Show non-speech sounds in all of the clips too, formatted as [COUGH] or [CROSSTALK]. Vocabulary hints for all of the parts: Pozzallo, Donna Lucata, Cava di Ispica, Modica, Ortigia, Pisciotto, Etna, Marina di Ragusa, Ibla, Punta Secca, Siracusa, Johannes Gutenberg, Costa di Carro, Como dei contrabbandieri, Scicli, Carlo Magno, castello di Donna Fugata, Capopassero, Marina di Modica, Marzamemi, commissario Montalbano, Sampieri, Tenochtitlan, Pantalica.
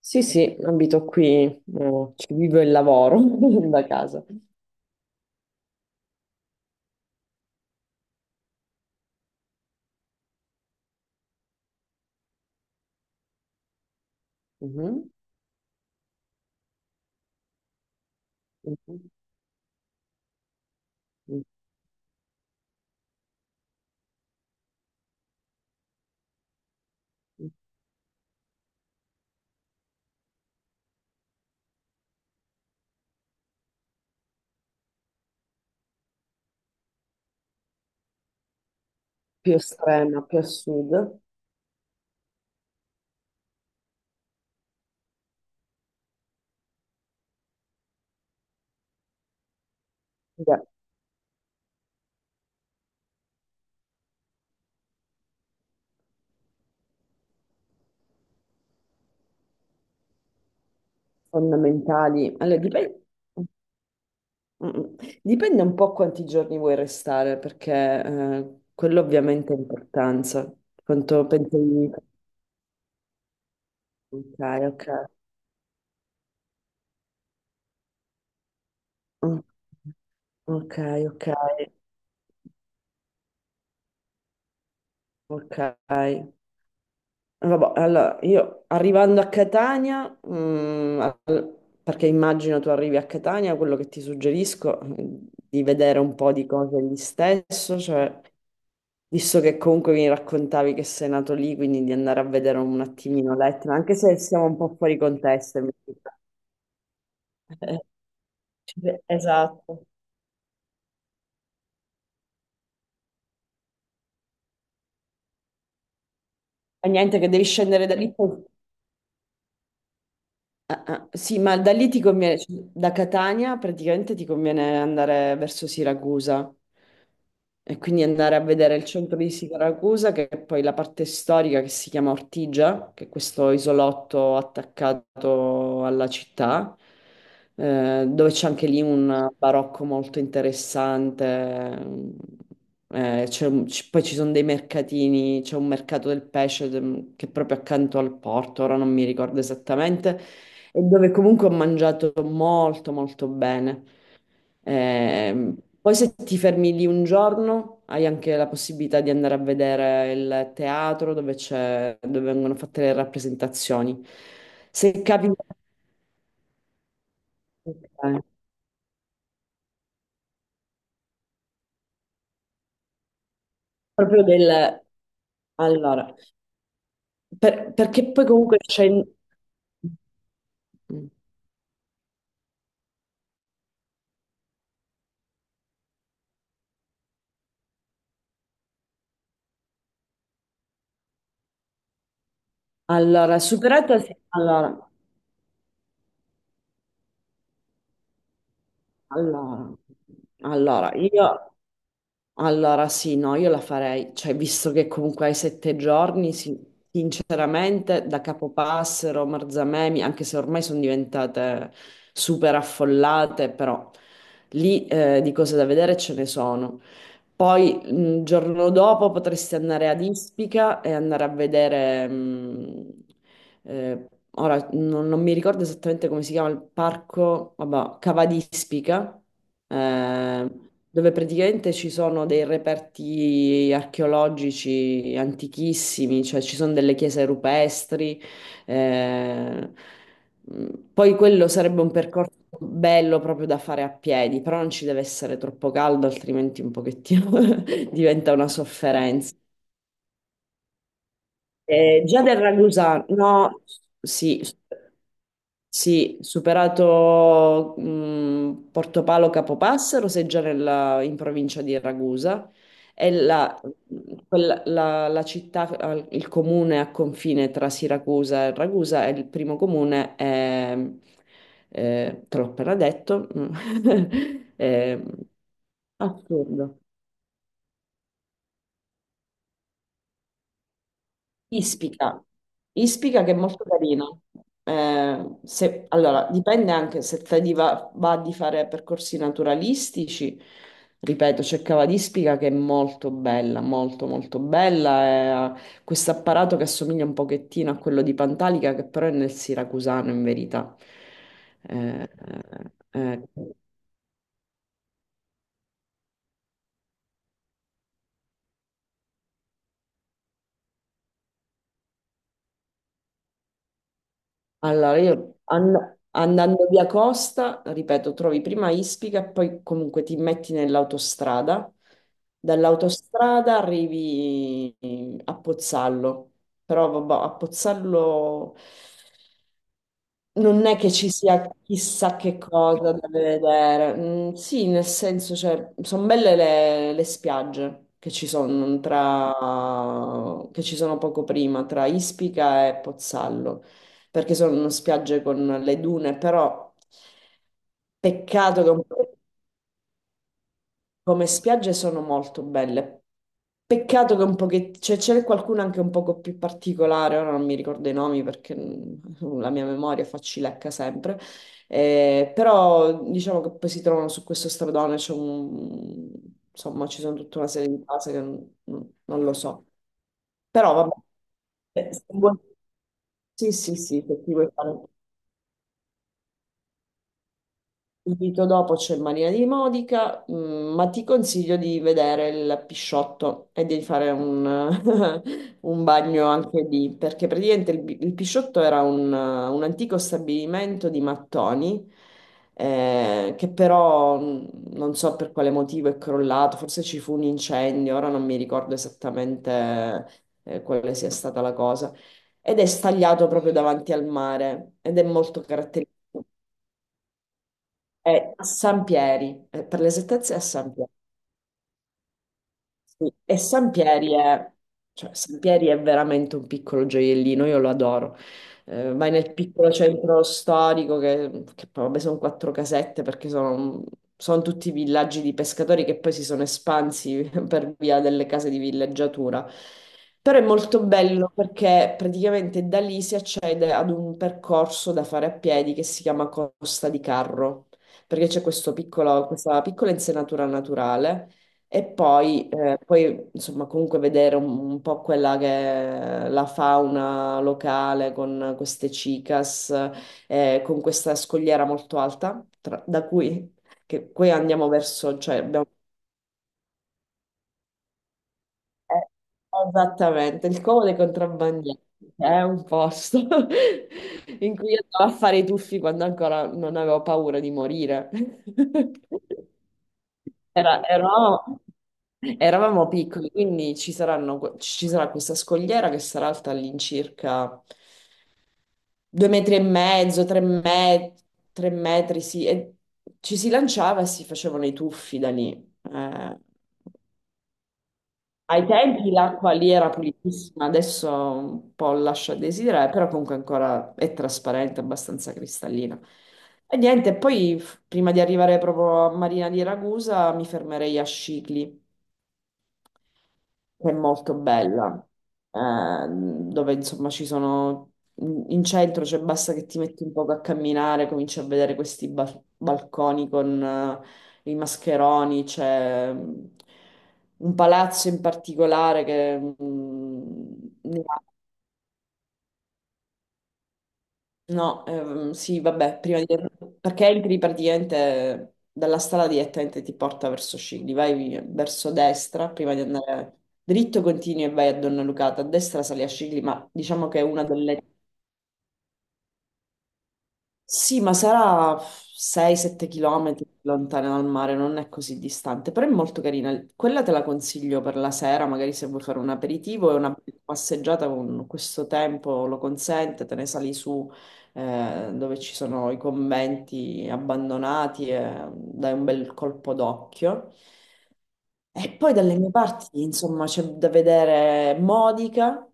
Sì, sì, abito qui, ci vivo e lavoro [LAUGHS] da casa. Mhm, mhm, mhm. Più estrema, più a sud. Beh, fondamentali. Allora, dipende, un po' quanti giorni vuoi restare, perché quello ovviamente ha importanza. Quanto pensi di... Ok, ok. Mm. Ok, ok, ok. Vabbè, allora io arrivando a Catania, perché immagino tu arrivi a Catania, quello che ti suggerisco è di vedere un po' di cose lì stesso, cioè visto che comunque mi raccontavi che sei nato lì, quindi di andare a vedere un attimino l'Etna, anche se siamo un po' fuori contesto. [LAUGHS] Esatto. Ma niente, che devi scendere da lì poi. Ah, ah, sì, ma da lì ti conviene, cioè, da Catania praticamente ti conviene andare verso Siracusa e quindi andare a vedere il centro di Siracusa, che è poi la parte storica che si chiama Ortigia, che è questo isolotto attaccato alla città, dove c'è anche lì un barocco molto interessante. C'è poi ci sono dei mercatini, c'è un mercato del pesce che è proprio accanto al porto, ora non mi ricordo esattamente, e dove comunque ho mangiato molto molto bene. Ehm, poi se ti fermi lì un giorno hai anche la possibilità di andare a vedere il teatro dove c'è, dove vengono fatte le rappresentazioni. Se capita. Ok. Proprio del. Allora, perché poi comunque c'è. Mm. Allora, superata, sì. Allora, allora, io. Allora, sì, no, io la farei. Cioè, visto che comunque hai 7 giorni, sì, sinceramente, da Capopassero, Marzamemi, anche se ormai sono diventate super affollate, però lì, di cose da vedere ce ne sono. Poi il giorno dopo potresti andare ad Ispica e andare a vedere, eh, ora non mi ricordo esattamente come si chiama il parco, vabbè, Cava di Ispica, eh, dove praticamente ci sono dei reperti archeologici antichissimi, cioè ci sono delle chiese rupestri. eh, Poi quello sarebbe un percorso bello proprio da fare a piedi, però non ci deve essere troppo caldo, altrimenti un pochettino [LAUGHS] diventa una sofferenza. Già del Ragusa, no, sì, sì, superato Portopalo Capopassero, sei già in provincia di Ragusa, è la città, il comune a confine tra Siracusa e Ragusa, è il primo comune, te l'ho appena detto, [LAUGHS] eh, assurdo. Ispica, Ispica che è molto carina. Allora, dipende anche se te di va di fare percorsi naturalistici. Ripeto, c'è Cava d'Ispica che è molto bella, molto molto bella. È questo apparato che assomiglia un pochettino a quello di Pantalica, che però è nel siracusano in verità. Eh, eh, eh. Allora, io andando via Costa, ripeto, trovi prima Ispica e poi comunque ti metti nell'autostrada. Dall'autostrada arrivi a Pozzallo, però vabbè, a Pozzallo. Non è che ci sia chissà che cosa da vedere. Mm, sì, nel senso, cioè, sono belle le spiagge che ci sono tra, che ci sono poco prima, tra Ispica e Pozzallo, perché sono spiagge con le dune, però peccato che un po'. Come spiagge sono molto belle. Peccato che un pochettino, cioè c'è qualcuno anche un poco più particolare, ora non mi ricordo i nomi perché la mia memoria facilecca sempre. Però diciamo che poi si trovano su questo stradone, insomma ci sono tutta una serie di case che non lo so. Però vabbè, se vuoi- sì, sì, sì, se ti vuoi fare. Subito dopo c'è il Marina di Modica, ma ti consiglio di vedere il Pisciotto e di fare un, [LAUGHS] un bagno anche lì, perché praticamente il Pisciotto era un antico stabilimento di mattoni, che però non so per quale motivo è crollato, forse ci fu un incendio, ora non mi ricordo esattamente, quale sia stata la cosa, ed è stagliato proprio davanti al mare ed è molto caratteristico. È a Sampieri, per l'esattezza è a Sampieri. Sì, e San Pieri è, cioè, San Pieri è veramente un piccolo gioiellino, io lo adoro. Vai nel piccolo centro storico, che poi vabbè, sono quattro casette perché sono tutti villaggi di pescatori che poi si sono espansi [LAUGHS] per via delle case di villeggiatura. Però è molto bello perché praticamente da lì si accede ad un percorso da fare a piedi che si chiama Costa di Carro, perché c'è questo questa piccola insenatura naturale e poi, poi, insomma, comunque vedere un po' quella che è la fauna locale con queste cicas, con questa scogliera molto alta, da cui, che, qui andiamo verso, cioè abbiamo. Eh, Esattamente, il Como dei contrabbandieri è un posto [LAUGHS] in cui io andavo a fare i tuffi quando ancora non avevo paura di morire. [LAUGHS] Era- eravamo, eravamo piccoli, quindi ci sarà questa scogliera che sarà alta all'incirca 2,5 m, tre metri, sì, e ci si lanciava e si facevano i tuffi da lì. Ai tempi l'acqua lì era pulitissima, adesso un po' lascia a desiderare, però comunque ancora è trasparente, abbastanza cristallina. E niente, poi prima di arrivare proprio a Marina di Ragusa mi fermerei a Scicli che è molto bella, dove insomma ci sono, in centro, cioè basta che ti metti un poco a camminare, cominci a vedere questi balconi con i mascheroni, c'è un palazzo in particolare che, ne ha. No, sì, vabbè, perché entri praticamente dalla strada direttamente ti porta verso Scigli, vai verso destra prima di andare dritto, continui e vai a Donna Lucata, a destra sali a Scigli, ma diciamo che è una delle. Sì, ma sarà 6-7 km lontana dal mare, non è così distante, però è molto carina. Quella te la consiglio per la sera, magari se vuoi fare un aperitivo e una passeggiata con questo tempo lo consente, te ne sali su, dove ci sono i conventi abbandonati e dai un bel colpo d'occhio. E poi dalle mie parti, insomma, c'è da vedere Modica.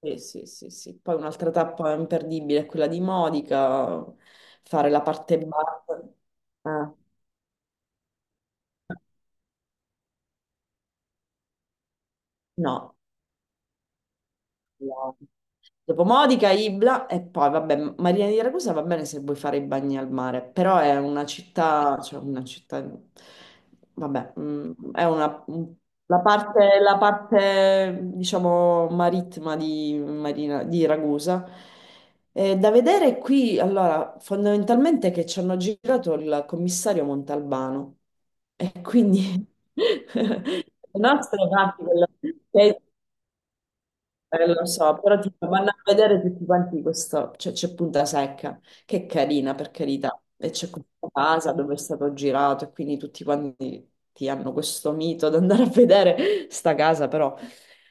Sì, sì, sì, sì. Poi un'altra tappa imperdibile è quella di Modica, fare la parte bassa. Eh, no, dopo Modica, Ibla e poi, vabbè, Marina di Ragusa va bene se vuoi fare i bagni al mare, però è una città, cioè una città, vabbè, è una, la parte, diciamo, marittima di, Marina, di Ragusa. Da vedere qui, allora, fondamentalmente che ci hanno girato il commissario Montalbano e quindi [LAUGHS] le nostre parti, lo so, però tipo, vanno a vedere tutti quanti questo, cioè, c'è Punta Secca, che è carina per carità, e c'è questa casa dove è stato girato e quindi tutti quanti ti hanno questo mito di andare a vedere sta casa, però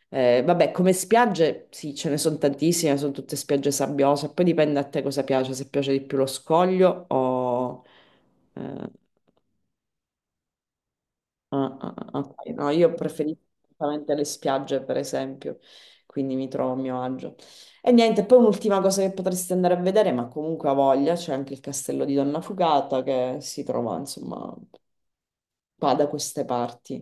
vabbè, come spiagge sì, ce ne sono tantissime, sono tutte spiagge sabbiose, poi dipende a te cosa piace, se piace di più lo scoglio o, eh, Ah, ah, ah, ok. No, io preferisco assolutamente le spiagge, per esempio, quindi mi trovo a mio agio. E niente, poi un'ultima cosa che potresti andare a vedere, ma comunque ha voglia, c'è anche il castello di Donna Fugata che si trova, insomma, qua da queste parti.